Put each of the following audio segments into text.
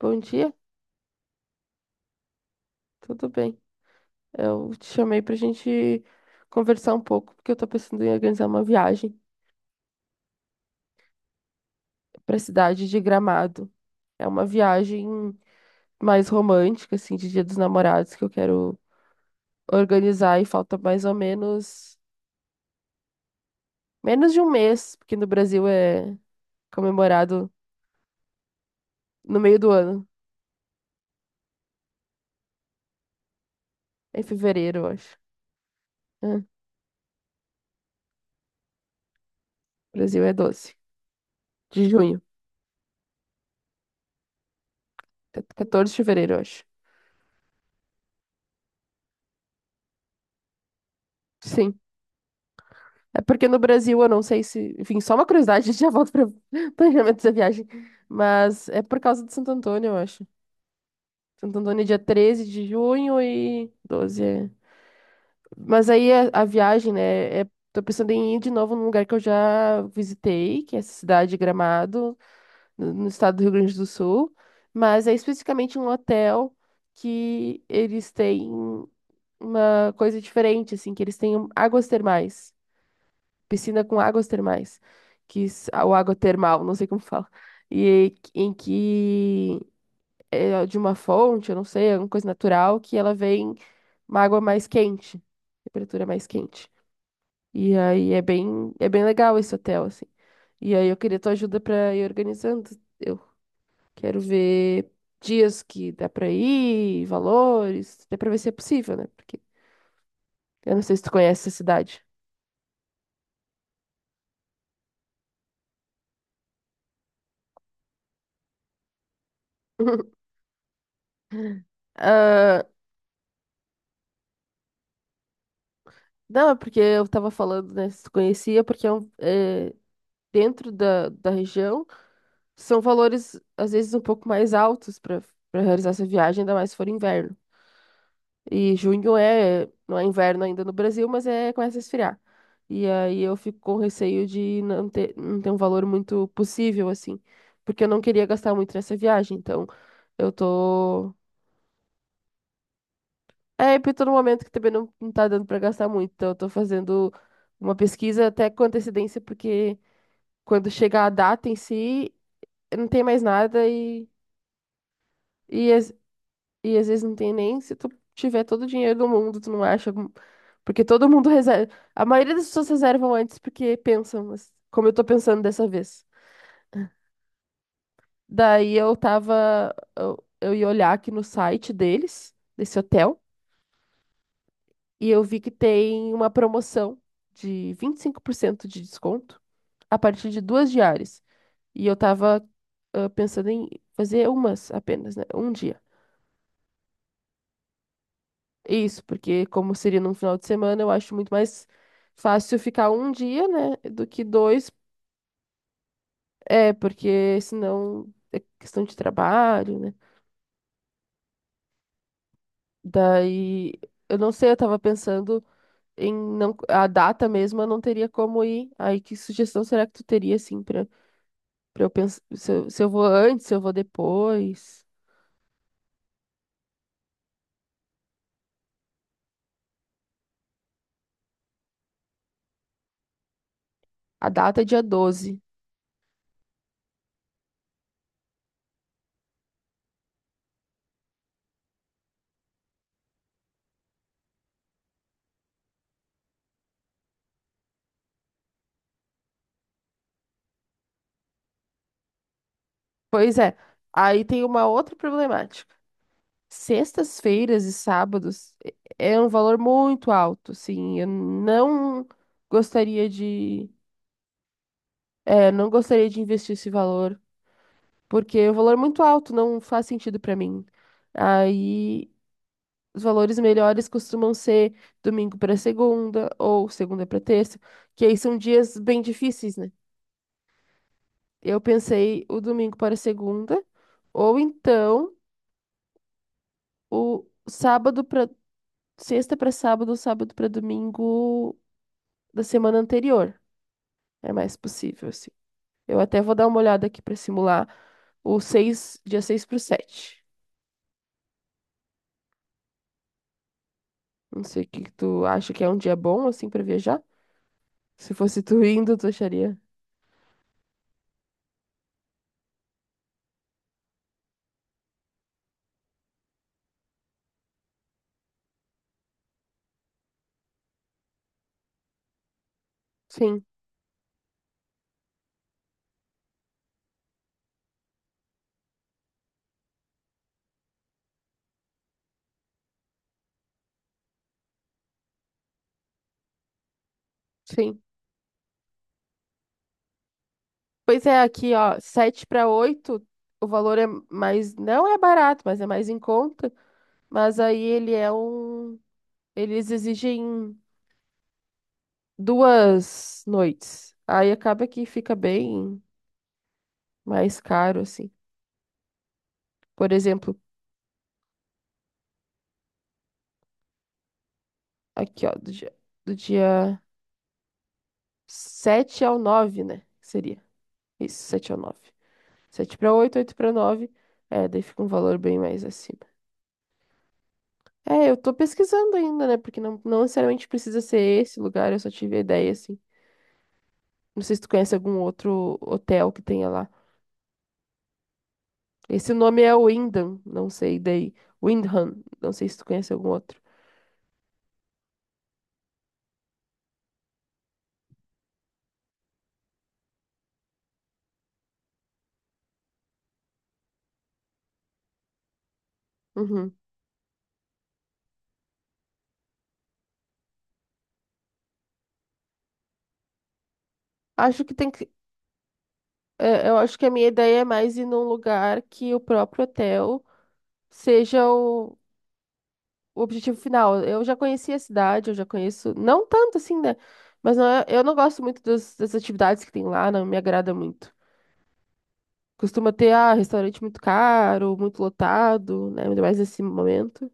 Bom dia, tudo bem? Eu te chamei pra gente conversar um pouco, porque eu tô pensando em organizar uma viagem pra cidade de Gramado. É uma viagem mais romântica, assim, de Dia dos Namorados que eu quero organizar e falta mais ou menos menos de um mês, porque no Brasil é comemorado no meio do ano, é em fevereiro, eu acho. É, no Brasil é 12, de junho, 14 de fevereiro, eu acho. Sim. É porque no Brasil, eu não sei se. Enfim, só uma curiosidade, já volto para planejamento da viagem. Mas é por causa de Santo Antônio, eu acho. Santo Antônio é dia 13 de junho e 12. É. Mas aí a viagem, né? É, tô pensando em ir de novo num lugar que eu já visitei, que é essa cidade de Gramado, no estado do Rio Grande do Sul. Mas é especificamente um hotel que eles têm uma coisa diferente, assim, que eles têm águas termais. Piscina com águas termais, ou água termal, não sei como fala, e em que é de uma fonte, eu não sei, alguma coisa natural, que ela vem uma água mais quente, temperatura mais quente. E aí é bem legal esse hotel, assim. E aí eu queria tua ajuda pra ir organizando. Eu quero ver dias que dá pra ir, valores, até pra ver se é possível, né? Porque eu não sei se tu conhece essa cidade. Ah, não, é porque eu tava falando, né? Se tu conhecia, porque é é, dentro da região são valores, às vezes, um pouco mais altos para realizar essa viagem, ainda mais se for inverno. E junho é, não é inverno ainda no Brasil, mas é, começa a esfriar. E aí eu fico com receio de não ter um valor muito possível, assim, porque eu não queria gastar muito nessa viagem. Então, eu tô. É, e tô num momento que também não tá dando pra gastar muito, então eu tô fazendo uma pesquisa até com antecedência, porque. Quando chegar a data em si, não tem mais nada e, às- e às vezes não tem nem se tu tiver todo o dinheiro do mundo, tu não acha. Porque todo mundo reserva. A maioria das pessoas reservam antes porque pensam, mas como eu tô pensando dessa vez. Daí eu tava. Eu ia olhar aqui no site deles, desse hotel, e eu vi que tem uma promoção de 25% de desconto a partir de 2 diárias. E eu tava, pensando em fazer umas apenas, né? Um dia. Isso, porque como seria num final de semana, eu acho muito mais fácil ficar um dia, né, do que dois, é, porque senão é questão de trabalho, né? Daí, eu não sei, eu tava pensando em não, a data mesmo, eu não teria como ir. Aí, que sugestão será que tu teria, assim, pra eu pensar, se eu vou antes, se eu vou depois? A data é dia 12. Pois é, aí tem uma outra problemática. Sextas-feiras e sábados é um valor muito alto, assim, eu não gostaria de, não gostaria de investir esse valor, porque é um valor muito alto, não faz sentido para mim. Aí os valores melhores costumam ser domingo para segunda ou segunda para terça, que aí são dias bem difíceis, né? Eu pensei o domingo para segunda, ou então o sábado para sexta para sábado, sábado para domingo da semana anterior. É mais possível, assim. Eu até vou dar uma olhada aqui para simular o 6 dia seis para o sete. Não sei o que que tu acha que é um dia bom, assim, para viajar. Se fosse tu indo, tu acharia? Sim, sim. Pois é, aqui, ó, 7 para 8 o valor é mais, não é barato, mas é mais em conta. Mas aí eles exigem 2 noites. Aí acaba que fica bem mais caro, assim. Por exemplo, aqui, ó, do dia 7 ao 9, né? Seria. Isso, sete ao nove, sete para 8, 8 para nove, é, daí fica um valor bem mais acima. É, eu tô pesquisando ainda, né? Porque não necessariamente precisa ser esse lugar, eu só tive a ideia, assim. Não sei se tu conhece algum outro hotel que tenha lá. Esse nome é Wyndham, não sei, daí. Windham, não sei se tu conhece algum outro. Uhum. Acho que tem que... É, eu acho que a minha ideia é mais ir num lugar que o próprio hotel seja o objetivo final. Eu já conheci a cidade, eu já conheço, não tanto assim, né? Mas eu não gosto muito das atividades que tem lá, não me agrada muito. Costuma ter, restaurante muito caro, muito lotado, né? Ainda mais nesse momento.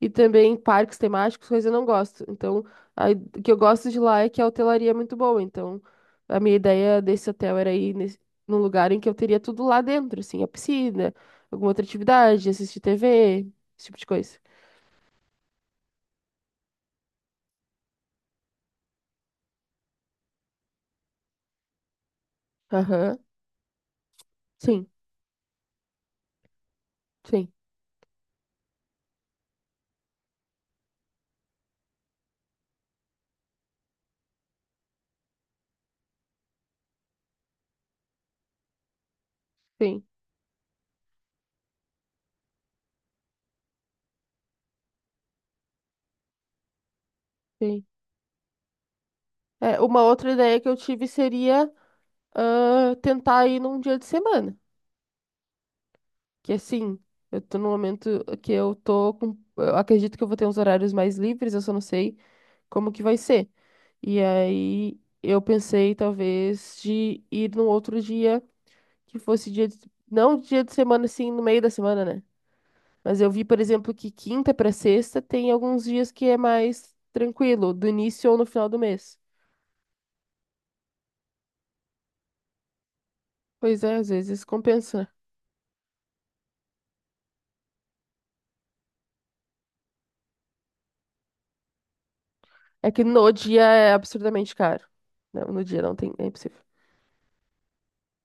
E também parques temáticos, coisa eu não gosto. Então, a- o que eu gosto de lá é que a hotelaria é muito boa. Então, a minha ideia desse hotel era ir nesse, num lugar em que eu teria tudo lá dentro, assim, a piscina, alguma outra atividade, assistir TV, esse tipo de coisa. Aham. Sim, sim, sim, sim. É, uma outra ideia que eu tive seria, tentar ir num dia de semana. Que assim, eu tô num momento que eu tô com. Eu acredito que eu vou ter uns horários mais livres, eu só não sei como que vai ser. E aí eu pensei talvez de ir num outro dia que fosse dia de, não dia de semana assim, no meio da semana, né? Mas eu vi, por exemplo, que quinta pra sexta tem alguns dias que é mais tranquilo, do início ou no final do mês. Pois é, às vezes compensa. É que no dia é absurdamente caro. Não, no dia não tem, é impossível.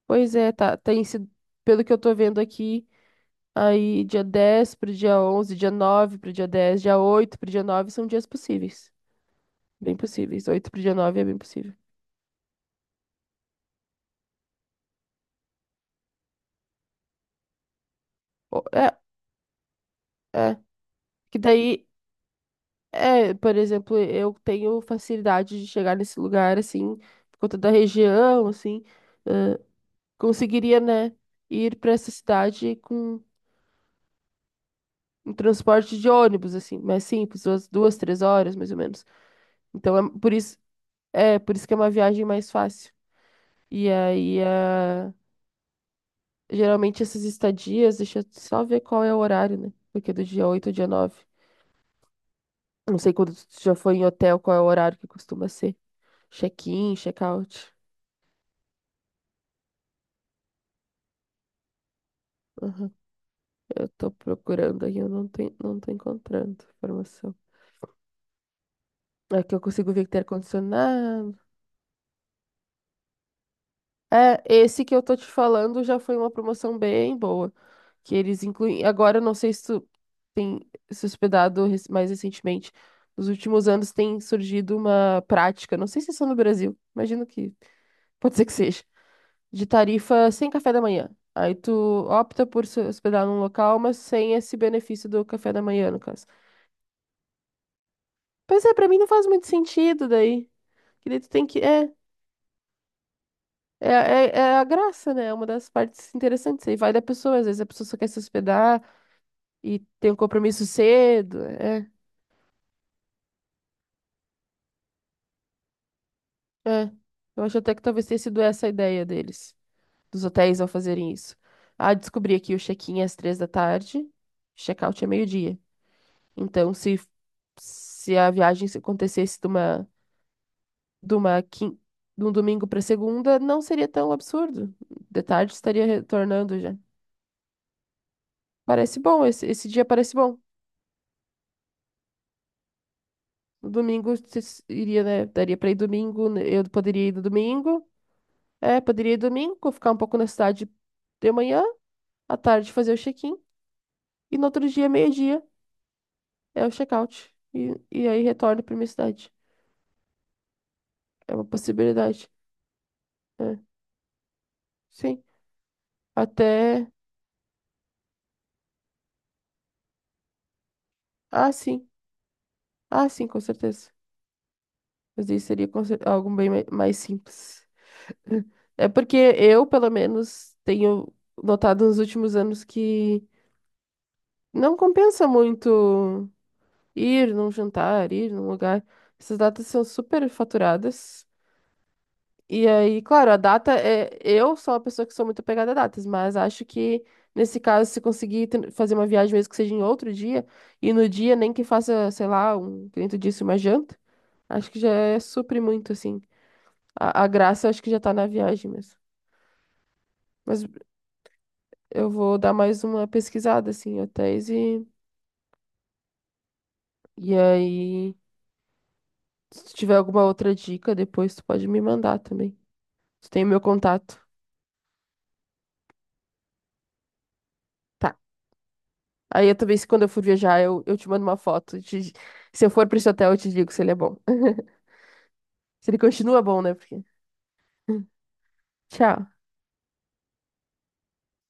Pois é, tá, tem sido, pelo que eu tô vendo aqui, aí dia 10 pro dia onze, dia 9 pro dia dez, dia 8 pro dia 9 são dias possíveis. Bem possíveis. 8 pro dia 9 é bem possível. Ó, é, é. Que daí, por exemplo, eu tenho facilidade de chegar nesse lugar, assim, por conta da região, assim. ãh, Conseguiria, né, ir pra essa cidade com um transporte de ônibus, assim, mais simples, duas, duas, 3 horas, mais ou menos. Então, é por isso que é uma viagem mais fácil. E aí, geralmente essas estadias, deixa eu só ver qual é o horário, né? Porque é do dia 8 ao dia 9. Não sei quando tu já foi em hotel, qual é o horário que costuma ser. Check-in, check-out. Aham. Eu tô procurando aqui, eu não tenho, não tô encontrando informação. Aqui eu consigo ver que tem ar-condicionado. É, esse que eu tô te falando já foi uma promoção bem boa. Que eles incluem. Agora, eu não sei se tu tem se hospedado mais recentemente. Nos últimos anos tem surgido uma prática, não sei se é só no Brasil, imagino que pode ser que seja. De tarifa sem café da manhã. Aí tu opta por se hospedar num local, mas sem esse benefício do café da manhã, no caso. Pois é, pra mim não faz muito sentido daí. Que daí tu tem que. É a graça, né? É uma das partes interessantes. Aí vai da pessoa, às vezes a pessoa só quer se hospedar e tem um compromisso cedo. É, é. Eu acho até que talvez tenha sido essa a ideia deles, dos hotéis ao fazerem isso. Ah, descobri aqui o check-in é às 3 da tarde, check-out é meio-dia. Então, se a viagem se acontecesse de uma, quin- de um domingo para segunda, não seria tão absurdo. De tarde estaria retornando já. Parece bom, esse dia parece bom. No domingo se iria, né? Daria para ir domingo, né, eu poderia ir no domingo. É, poderia ir domingo, ficar um pouco na cidade de manhã, à tarde fazer o check-in. E no outro dia, meio-dia, é o check-out. E aí retorno para minha cidade. É uma possibilidade. É, sim. Até. Ah, sim. Ah, sim, com certeza. Mas isso seria algo bem mais simples. É porque eu, pelo menos, tenho notado nos últimos anos que não compensa muito ir num jantar, ir num lugar. Essas datas são super faturadas. E aí, claro, a data é. Eu sou uma pessoa que sou muito apegada a datas, mas acho que nesse caso, se conseguir fazer uma viagem mesmo que seja em outro dia, e no dia nem que faça, sei lá, um, que nem tu disse, uma janta, acho que já é supre muito, assim. A graça eu acho que já tá na viagem mesmo. Mas eu vou dar mais uma pesquisada, assim, em hotéis, e aí, se tiver alguma outra dica, depois tu pode me mandar também. Tu tem o meu contato. Tá. Aí eu também, se quando eu for viajar, eu te mando uma foto. Se eu for pra esse hotel, eu te digo se ele é bom. Se ele continua bom, né? Porque... Tchau.